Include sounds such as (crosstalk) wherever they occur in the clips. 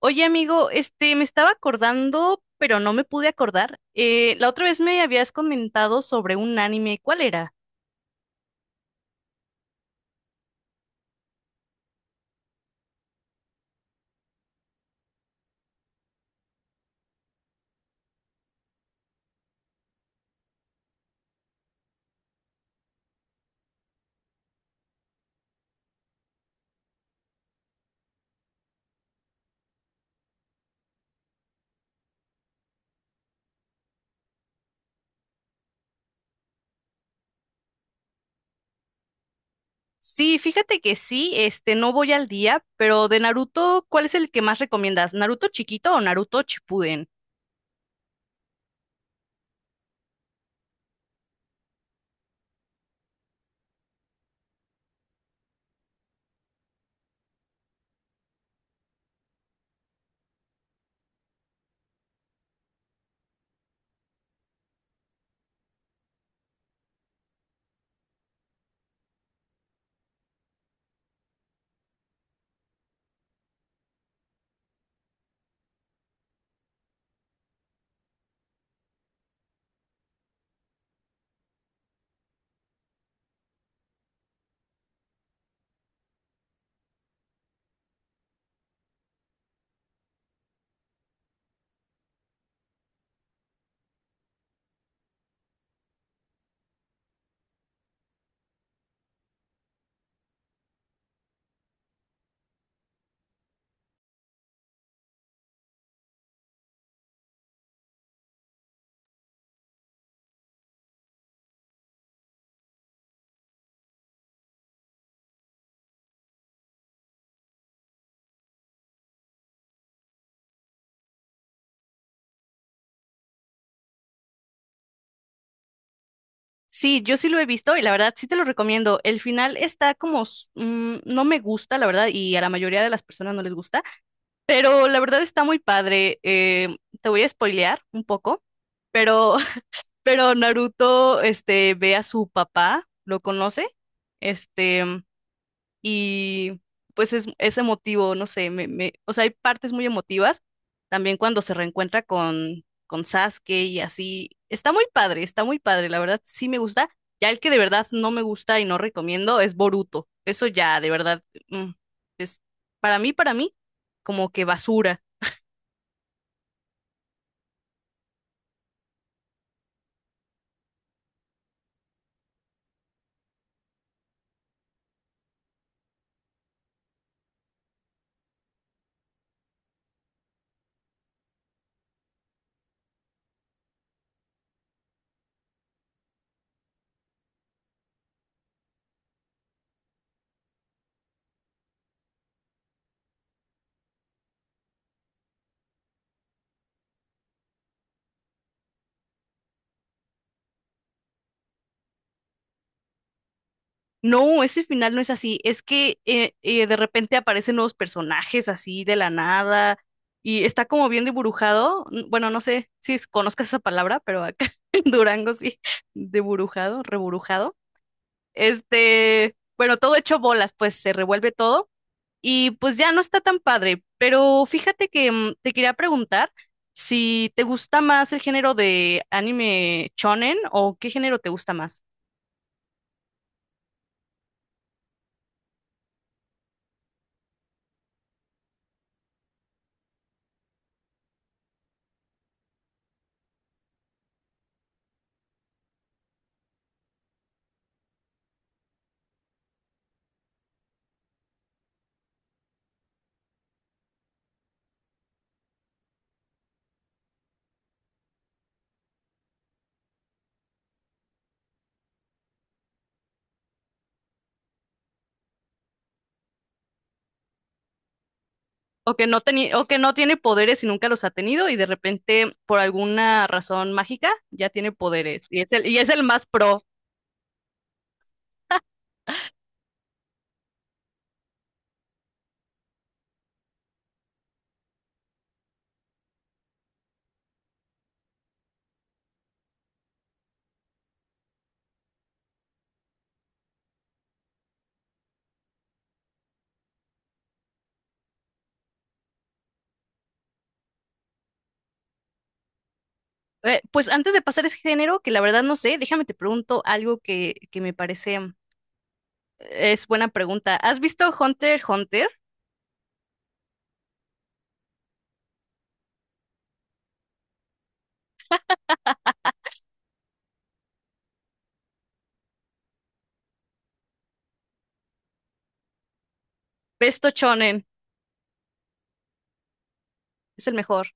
Oye, amigo, me estaba acordando, pero no me pude acordar. La otra vez me habías comentado sobre un anime, ¿cuál era? Sí, fíjate que sí, no voy al día, pero de Naruto, ¿cuál es el que más recomiendas? ¿Naruto chiquito o Naruto Shippuden? Sí, yo sí lo he visto y la verdad sí te lo recomiendo. El final está como, no me gusta, la verdad, y a la mayoría de las personas no les gusta, pero la verdad está muy padre. Te voy a spoilear un poco. Pero Pero Naruto, ve a su papá, lo conoce, este, y pues es emotivo, no sé, o sea, hay partes muy emotivas, también cuando se reencuentra con Sasuke y así, está muy padre, la verdad sí me gusta, ya el que de verdad no me gusta y no recomiendo es Boruto, eso ya, de verdad, mm, es para mí, como que basura. No, ese final no es así. Es que de repente aparecen nuevos personajes así de la nada y está como bien deburujado. Bueno, no sé si conozcas esa palabra, pero acá (laughs) en Durango sí, deburujado, reburujado. Bueno, todo hecho bolas, pues se revuelve todo y pues ya no está tan padre. Pero fíjate que te quería preguntar si te gusta más el género de anime shonen o qué género te gusta más. O que no tenía, o que no tiene poderes y nunca los ha tenido, y de repente, por alguna razón mágica, ya tiene poderes. Y es el más pro. Pues antes de pasar ese género, que la verdad no sé, déjame te pregunto algo que me parece es buena pregunta. ¿Has visto Hunter x Hunter? Besto Shonen, es el mejor.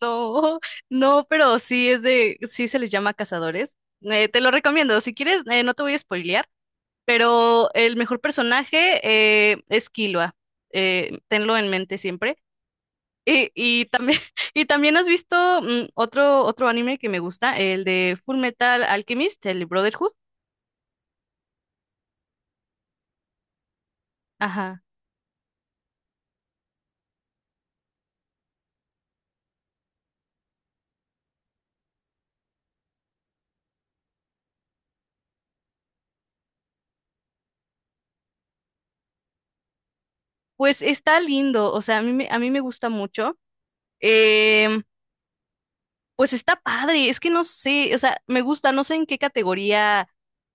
No, (laughs) no, pero sí es de, sí se les llama cazadores. Te lo recomiendo. Si quieres, no te voy a spoilear, pero el mejor personaje es Killua. Tenlo en mente siempre. Y también, (laughs) y también has visto otro, otro anime que me gusta, el de Full Metal Alchemist, el Brotherhood. Ajá. Pues está lindo, o sea, a mí me gusta mucho. Em, pues está padre, es que no sé, o sea, me gusta, no sé en qué categoría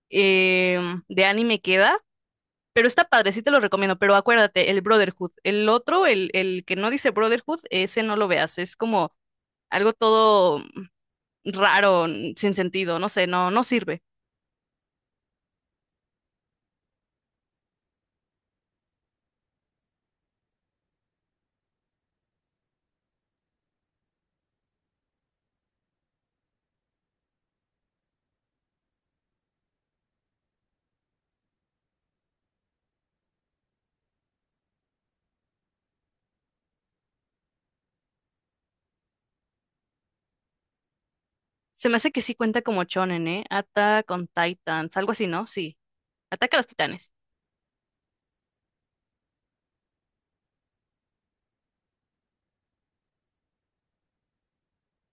de anime queda, pero está padre, sí te lo recomiendo, pero acuérdate, el Brotherhood, el otro, el que no dice Brotherhood, ese no lo veas, es como algo todo raro, sin sentido, no sé, no, no sirve. Se me hace que sí cuenta como shonen, ¿eh? Attack on Titans, algo así, ¿no? Sí, Ataca a los Titanes.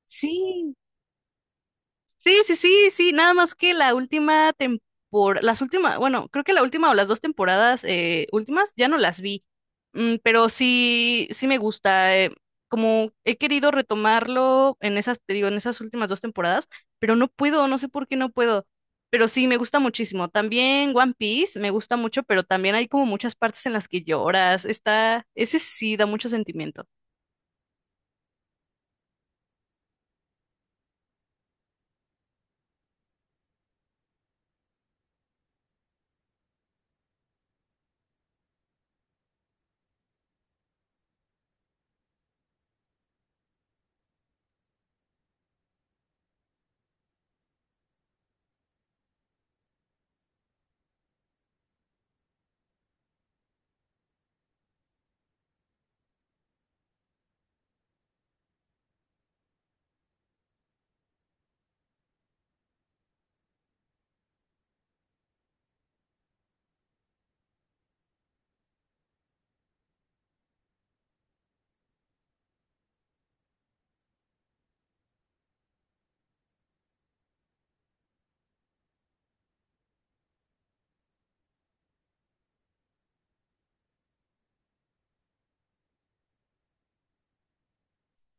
Sí, sí, sí, sí, sí, nada más que la última temporada, las últimas, bueno, creo que la última o las dos temporadas últimas ya no las vi. Pero sí, sí me gusta, como he querido retomarlo en esas, te digo, en esas últimas dos temporadas, pero no puedo, no sé por qué no puedo. Pero sí, me gusta muchísimo. También One Piece me gusta mucho, pero también hay como muchas partes en las que lloras. Está, ese sí da mucho sentimiento.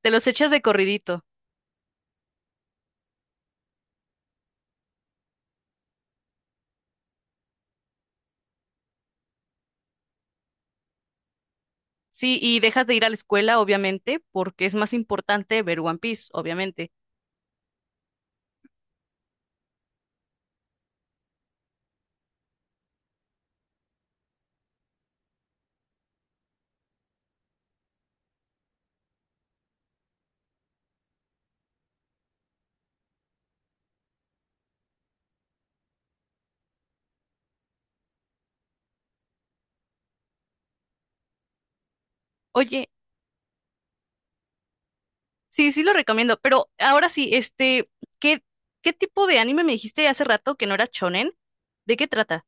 Te los echas de corridito. Sí, y dejas de ir a la escuela, obviamente, porque es más importante ver One Piece, obviamente. Oye, sí, sí lo recomiendo, pero ahora sí, ¿qué, qué tipo de anime me dijiste hace rato que no era shonen? ¿De qué trata?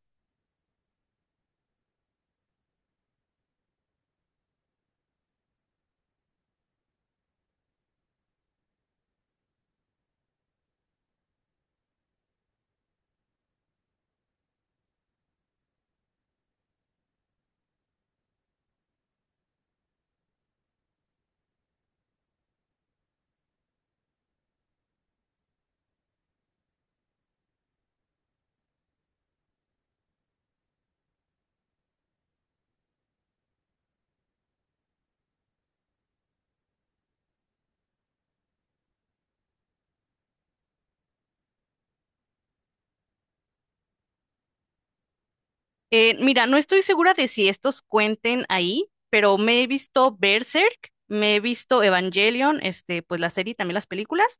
Mira, no estoy segura de si estos cuenten ahí, pero me he visto Berserk, me he visto Evangelion, pues la serie y también las películas,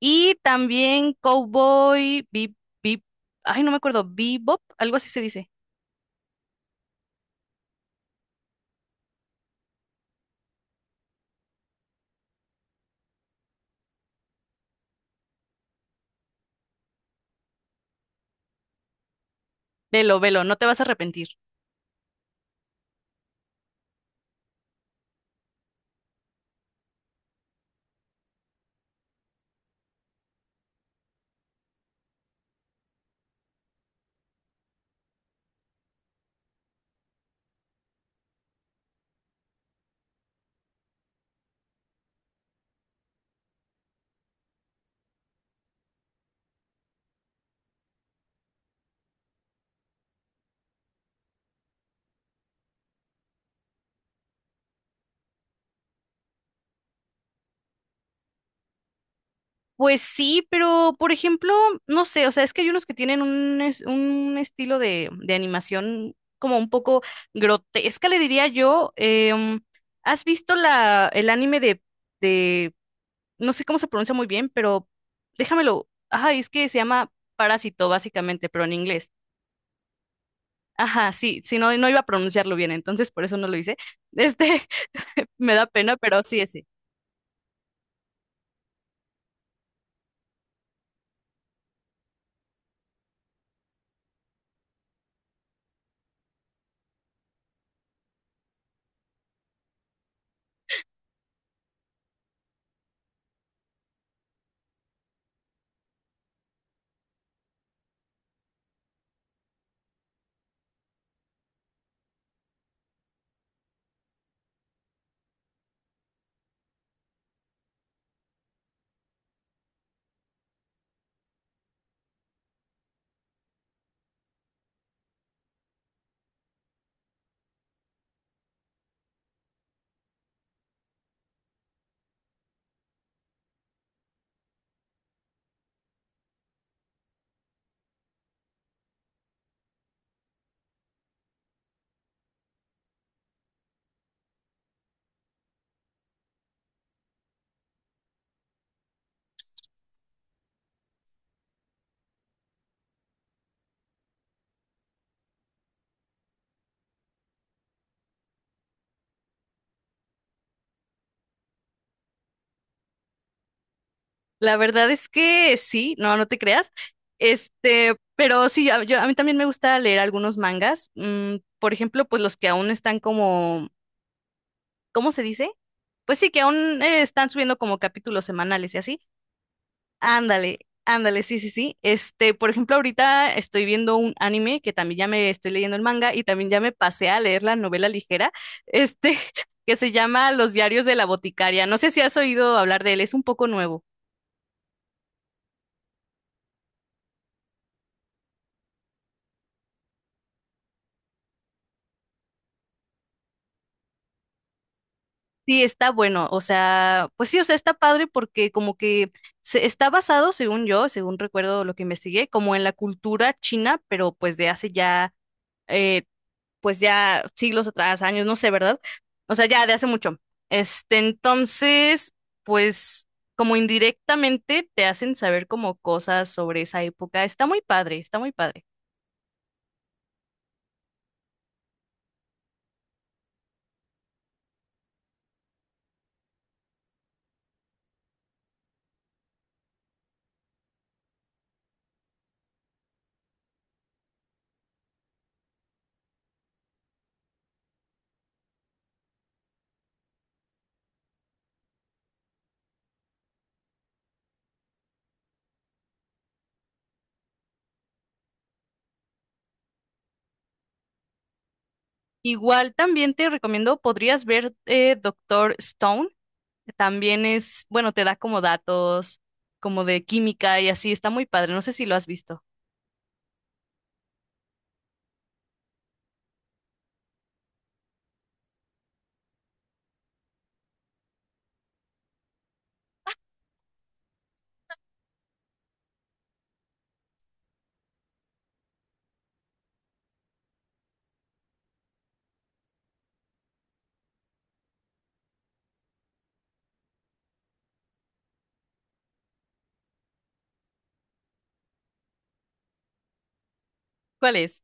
y también Cowboy Bebop, ay, no me acuerdo, Bebop, algo así se dice. Velo, velo, no te vas a arrepentir. Pues sí, pero por ejemplo, no sé, o sea, es que hay unos que tienen un, un estilo de animación como un poco grotesca, le diría yo. ¿Has visto la, el anime de, no sé cómo se pronuncia muy bien, pero déjamelo. Ajá, es que se llama Parásito, básicamente, pero en inglés? Ajá, sí, sí, no, no iba a pronunciarlo bien, entonces por eso no lo hice. Este, (laughs) me da pena, pero sí, ese. La verdad es que sí, no, no te creas. Pero sí, yo, a mí también me gusta leer algunos mangas. Por ejemplo, pues los que aún están como, ¿cómo se dice? Pues sí, que aún están subiendo como capítulos semanales y así. Ándale, ándale, sí, sí, sí. Por ejemplo, ahorita estoy viendo un anime que también ya me estoy leyendo el manga y también ya me pasé a leer la novela ligera, este, (laughs) que se llama Los diarios de la boticaria. No sé si has oído hablar de él, es un poco nuevo. Sí, está bueno, o sea, pues sí, o sea, está padre porque como que se está basado, según yo, según recuerdo lo que investigué, como en la cultura china, pero pues de hace ya, eh, pues ya siglos atrás, años, no sé, ¿verdad? O sea, ya de hace mucho. Entonces, pues como indirectamente te hacen saber como cosas sobre esa época. Está muy padre, está muy padre. Igual también te recomiendo, podrías ver Doctor Stone. También es, bueno, te da como datos, como de química y así, está muy padre. No sé si lo has visto. ¿Cuál es?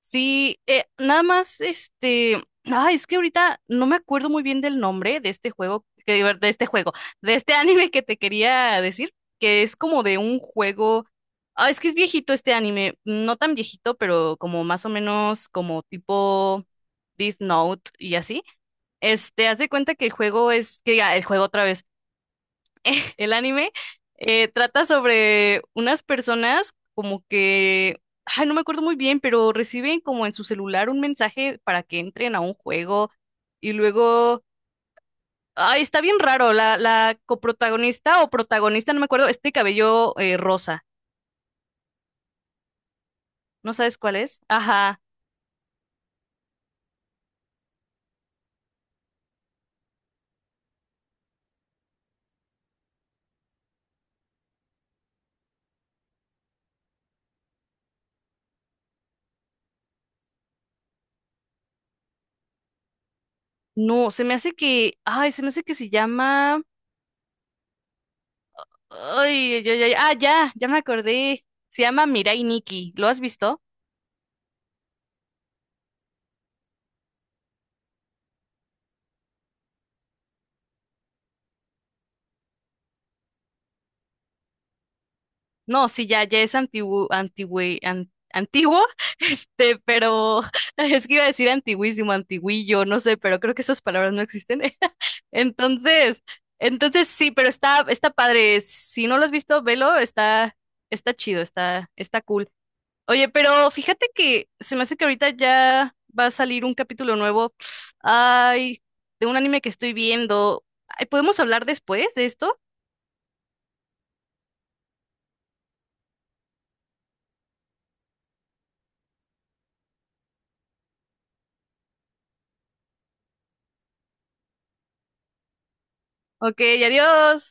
Sí, nada más, ah, es que ahorita no me acuerdo muy bien del nombre de este juego, de este juego, de este (laughs) anime que te quería decir, que es como de un juego, ah, es que es viejito este anime, no tan viejito, pero como más o menos como tipo Death Note y así. Haz de cuenta que el juego es, que ah, el juego otra vez. (laughs) El anime trata sobre unas personas como que, ay, no me acuerdo muy bien, pero reciben como en su celular un mensaje para que entren a un juego y luego, ay, está bien raro, la coprotagonista o protagonista, no me acuerdo, este cabello rosa, ¿no sabes cuál es? Ajá, no, se me hace que, ay, se me hace que se llama, ay, ay, ay, ay, ah, ya, ya me acordé, se llama Mirai Nikki, ¿lo has visto? No, sí, ya, ya es antiguo, antiguo, (laughs) pero (laughs) es que iba a decir antiguísimo, antiguillo, no sé, pero creo que esas palabras no existen. (laughs) Entonces, entonces sí, pero está, está padre. Si no lo has visto, velo, está, está chido, está, está cool. Oye, pero fíjate que se me hace que ahorita ya va a salir un capítulo nuevo. (sniffs) Ay, de un anime que estoy viendo. Ay, ¿podemos hablar después de esto? Ok, adiós.